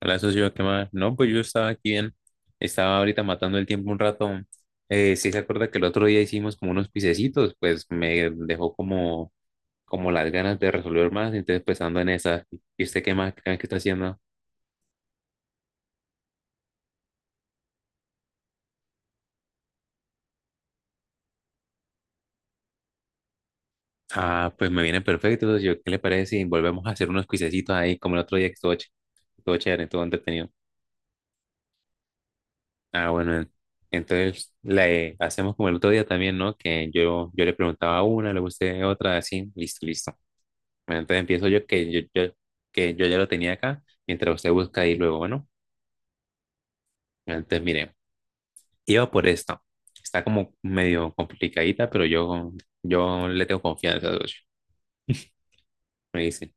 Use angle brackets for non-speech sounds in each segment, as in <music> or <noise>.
Hola, socio, ¿qué más? No, pues yo estaba aquí bien. Estaba ahorita matando el tiempo un rato. Sí se acuerda que el otro día hicimos como unos pisecitos, pues me dejó como las ganas de resolver más, entonces pues ando en esa. ¿Y usted qué más? ¿Qué está haciendo? Ah, pues me viene perfecto, socio. ¿Qué le parece si volvemos a hacer unos pisecitos ahí como el otro día que estuvo chévere, estuvo entretenido? Ah, bueno, entonces le hacemos como el otro día también, ¿no? Que yo le preguntaba una, luego usted otra, así, listo, listo. Bueno, entonces empiezo yo que yo ya lo tenía acá, mientras usted busca y luego, bueno, entonces mire, iba por esta. Está como medio complicadita, pero yo le tengo confianza, socio. Me dice,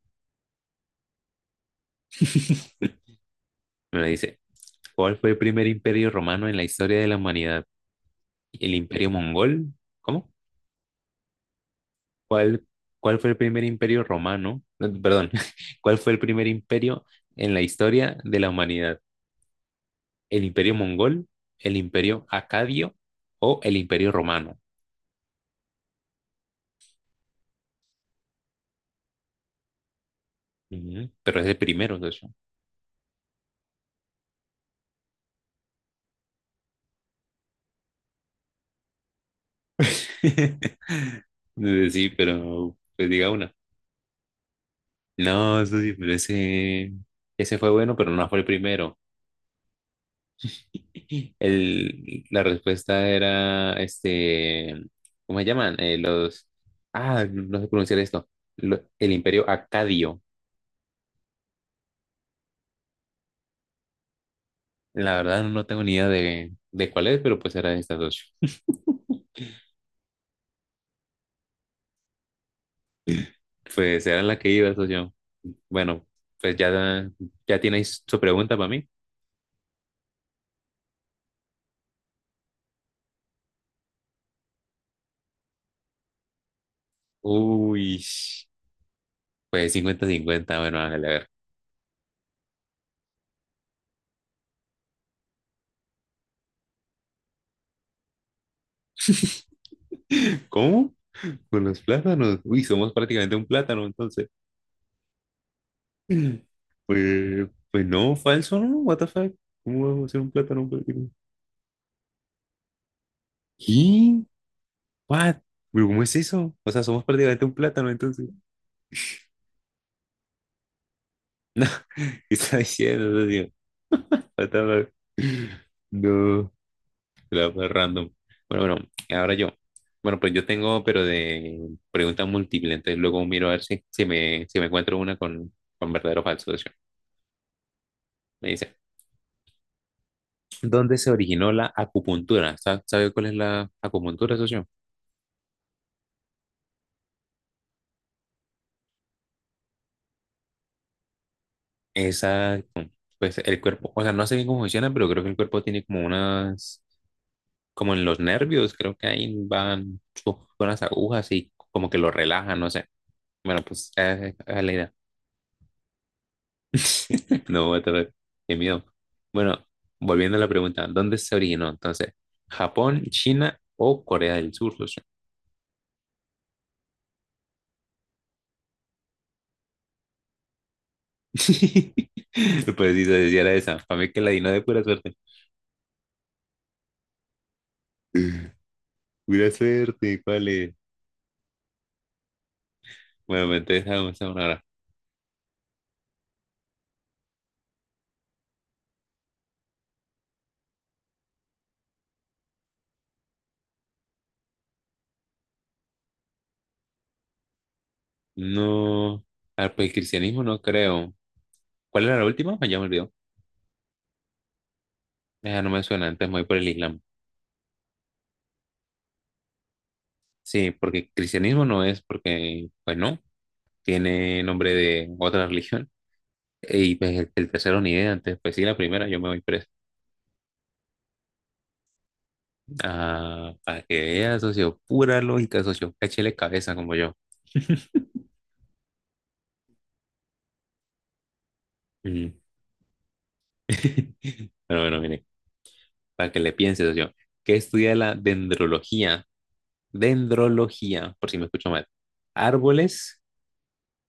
<laughs> me dice, ¿cuál fue el primer imperio romano en la historia de la humanidad? ¿El imperio mongol? ¿Cómo? ¿Cuál, cuál fue el primer imperio romano? No, perdón, <laughs> ¿cuál fue el primer imperio en la historia de la humanidad? ¿El imperio mongol? ¿El imperio acadio o el imperio romano? Ujú, pero es de primeros, de <laughs> sí, pero pues diga una. No, eso sí, pero ese fue bueno, pero no fue el primero. <clears throat> El, la respuesta era, este, ¿cómo se llaman? Los, ah, no sé pronunciar esto. El Imperio Acadio. La verdad no tengo ni idea de cuál es, pero pues era de estas dos. Pues era la que iba, socio. Bueno, pues ya, ya tienes su pregunta para mí. Uy. Pues 50/50 bueno, Ángel, a ver. ¿Cómo? Con los plátanos. Uy, somos prácticamente un plátano, entonces. <clears throat> Pues no, falso, ¿no? What the fuck? ¿Cómo vamos a ser un plátano prácticamente? ¿Qué? What? ¿Pero cómo es eso? O sea, somos prácticamente un plátano, entonces. <laughs> ¿Qué está diciendo, tío? What the fuck? No, la fue random. Bueno, bueno, ahora yo. Bueno, pues yo tengo, pero de pregunta múltiple, entonces luego miro a ver si me encuentro una con verdadero o falso, socio. Me dice, ¿dónde se originó la acupuntura? ¿Sabe cuál es la acupuntura, socio? Exacto. Pues el cuerpo, o sea, no sé bien cómo funciona, pero creo que el cuerpo tiene como unas, como en los nervios, creo que ahí van unas agujas y como que lo relajan, no sé. Bueno, pues esa es la idea. <laughs> No, voy a tener, qué miedo. Bueno, volviendo a la pregunta, ¿dónde se originó entonces? ¿Japón, China o Corea del Sur, socio? <laughs> Pues sí, se decía era esa, para mí que la di, no de pura suerte. Pura suerte, ¿cuál es? Bueno, entonces hagamos esa una hora. No, ah, pues el cristianismo no creo. ¿Cuál era la última? Ya me olvidó. Ah, no me suena, antes me voy por el islam. Sí, porque cristianismo no es porque, pues no, tiene nombre de otra religión. Y pues el tercero ni idea, antes pues sí, la primera yo me voy presa. Ah, para que veas, socio, pura lógica, socio, cáchele cabeza como yo. Mm. <laughs> Pero bueno, mire, para que le piense, socio. ¿Qué estudia la dendrología? Dendrología, por si me escucho mal. Árboles,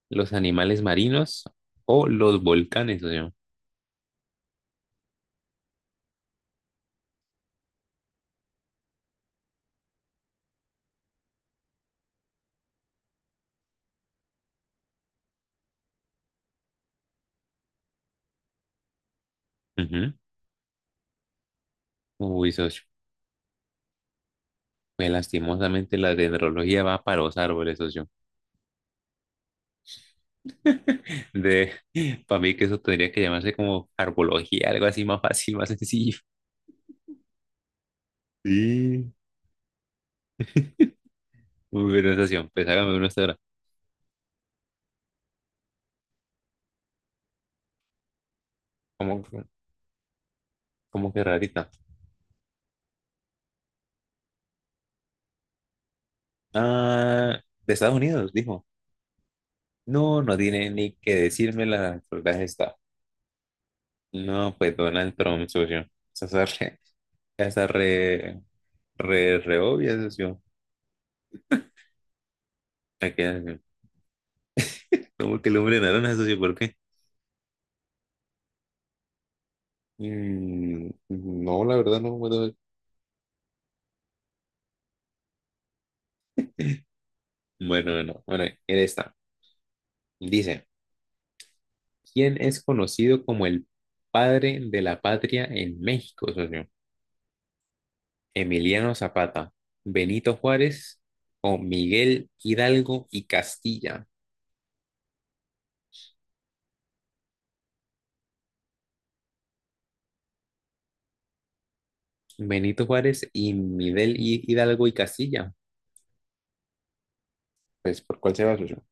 los animales marinos o los volcanes, socio. Ujú. Uy, socio. Pues lastimosamente la dendrología va para los árboles, socio. <laughs> De, para mí que eso tendría que llamarse como arbología, algo así más fácil, más sencillo. Sí. Muy buena socio. Pues hágame una hasta ahora. ¿Cómo, cómo que rarita? Ah, de Estados Unidos, dijo. No, no tiene ni que decirme la verdad está. No, pues Donald Trump, socio. Esa es re, esa es re, re, re obvia, socio. La que- ¿Cómo que el hombre naranja, socio? ¿Por qué? Mm, no, la verdad no puedo. Bueno, no, bueno, él está. Dice, ¿quién es conocido como el padre de la patria en México, socio? Emiliano Zapata, Benito Juárez o Miguel Hidalgo y Castilla. Benito Juárez y Hidalgo y Castilla. Pues, ¿por cuál se va, socio?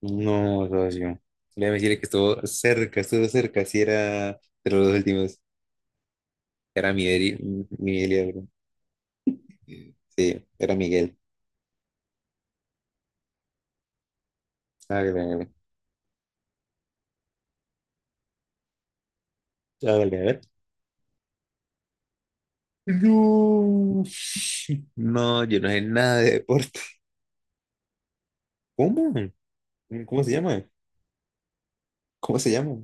No, socio. Déjame decirle que estuvo cerca, estuvo cerca. Si era de los dos últimos. Era Miguel, Miguel y algo. Sí, era Miguel. Hágale, hágale. Hágale, a ver. No. No, yo no sé nada de deporte. ¿Cómo? ¿Cómo se llama? ¿Cómo se llama?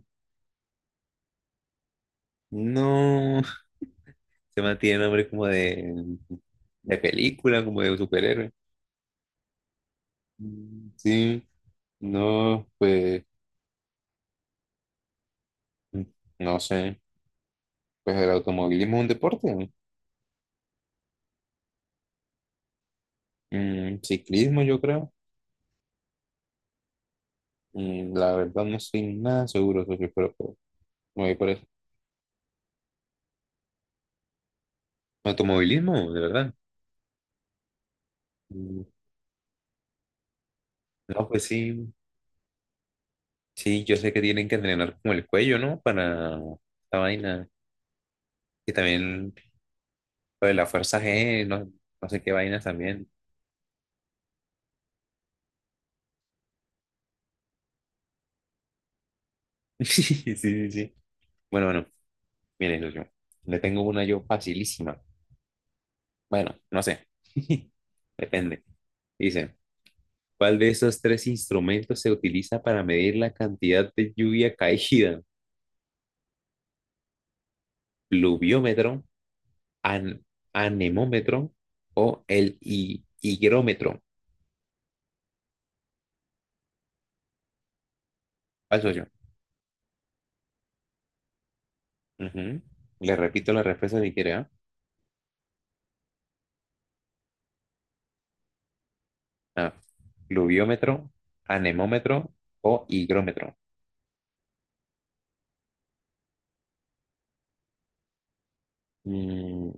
No. Se mantiene nombre como de película, como de superhéroe. Mm, sí. No, pues, no sé. Pues el automovilismo es un deporte, ¿no? Mm, ciclismo, yo creo. Mm, la verdad no estoy nada seguro, socio, pero pues, me voy por eso. Automovilismo, de verdad. Mm, no, pues sí, sí, yo sé que tienen que entrenar como el cuello, ¿no? Para esta vaina. Y también lo de la fuerza G, no, no sé qué vainas también. <laughs> Sí, sí, sí. Bueno, bueno, mire, socio, le tengo una yo facilísima. Bueno, no sé. <laughs> Depende. Dice, ¿cuál de esos tres instrumentos se utiliza para medir la cantidad de lluvia caída? ¿Pluviómetro, an- anemómetro o el higrómetro? Paso yo. Ujú. Le repito la respuesta si quiere, ¿ah? Ah, pluviómetro, anemómetro o higrómetro. Mm,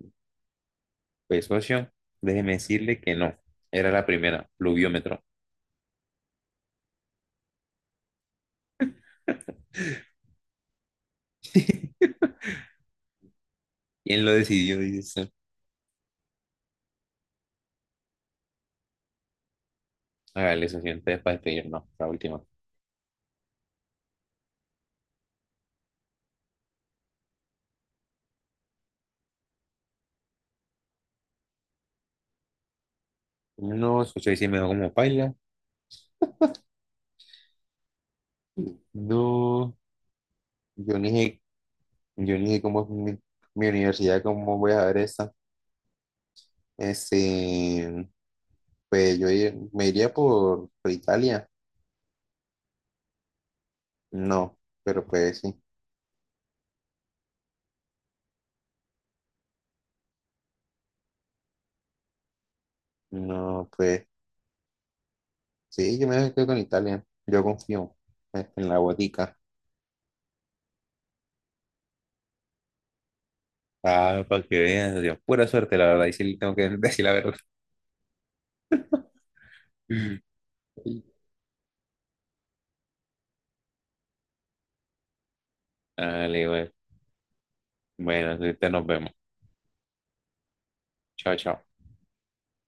pues socio, déjeme decirle que no. Era la primera, pluviómetro. <laughs> ¿Quién lo decidió? Dice, ¿usted? Hágale, socio, entonces para despedirnos, la última. No, socio, ahí sí me dejó como paila. No, yo ni sé, yo ni sé cómo es mi, mi universidad, cómo voy a ver esa. Este, pues yo me iría por Italia. No, pero pues sí. No, pues sí, yo me quedo con Italia. Yo confío en la botica. Ah, para que veas, Dios, pura suerte, la verdad, y sí tengo que <laughs> decir la verdad. <laughs> Dale, güey. Bueno, ahorita nos vemos. Chao, chao.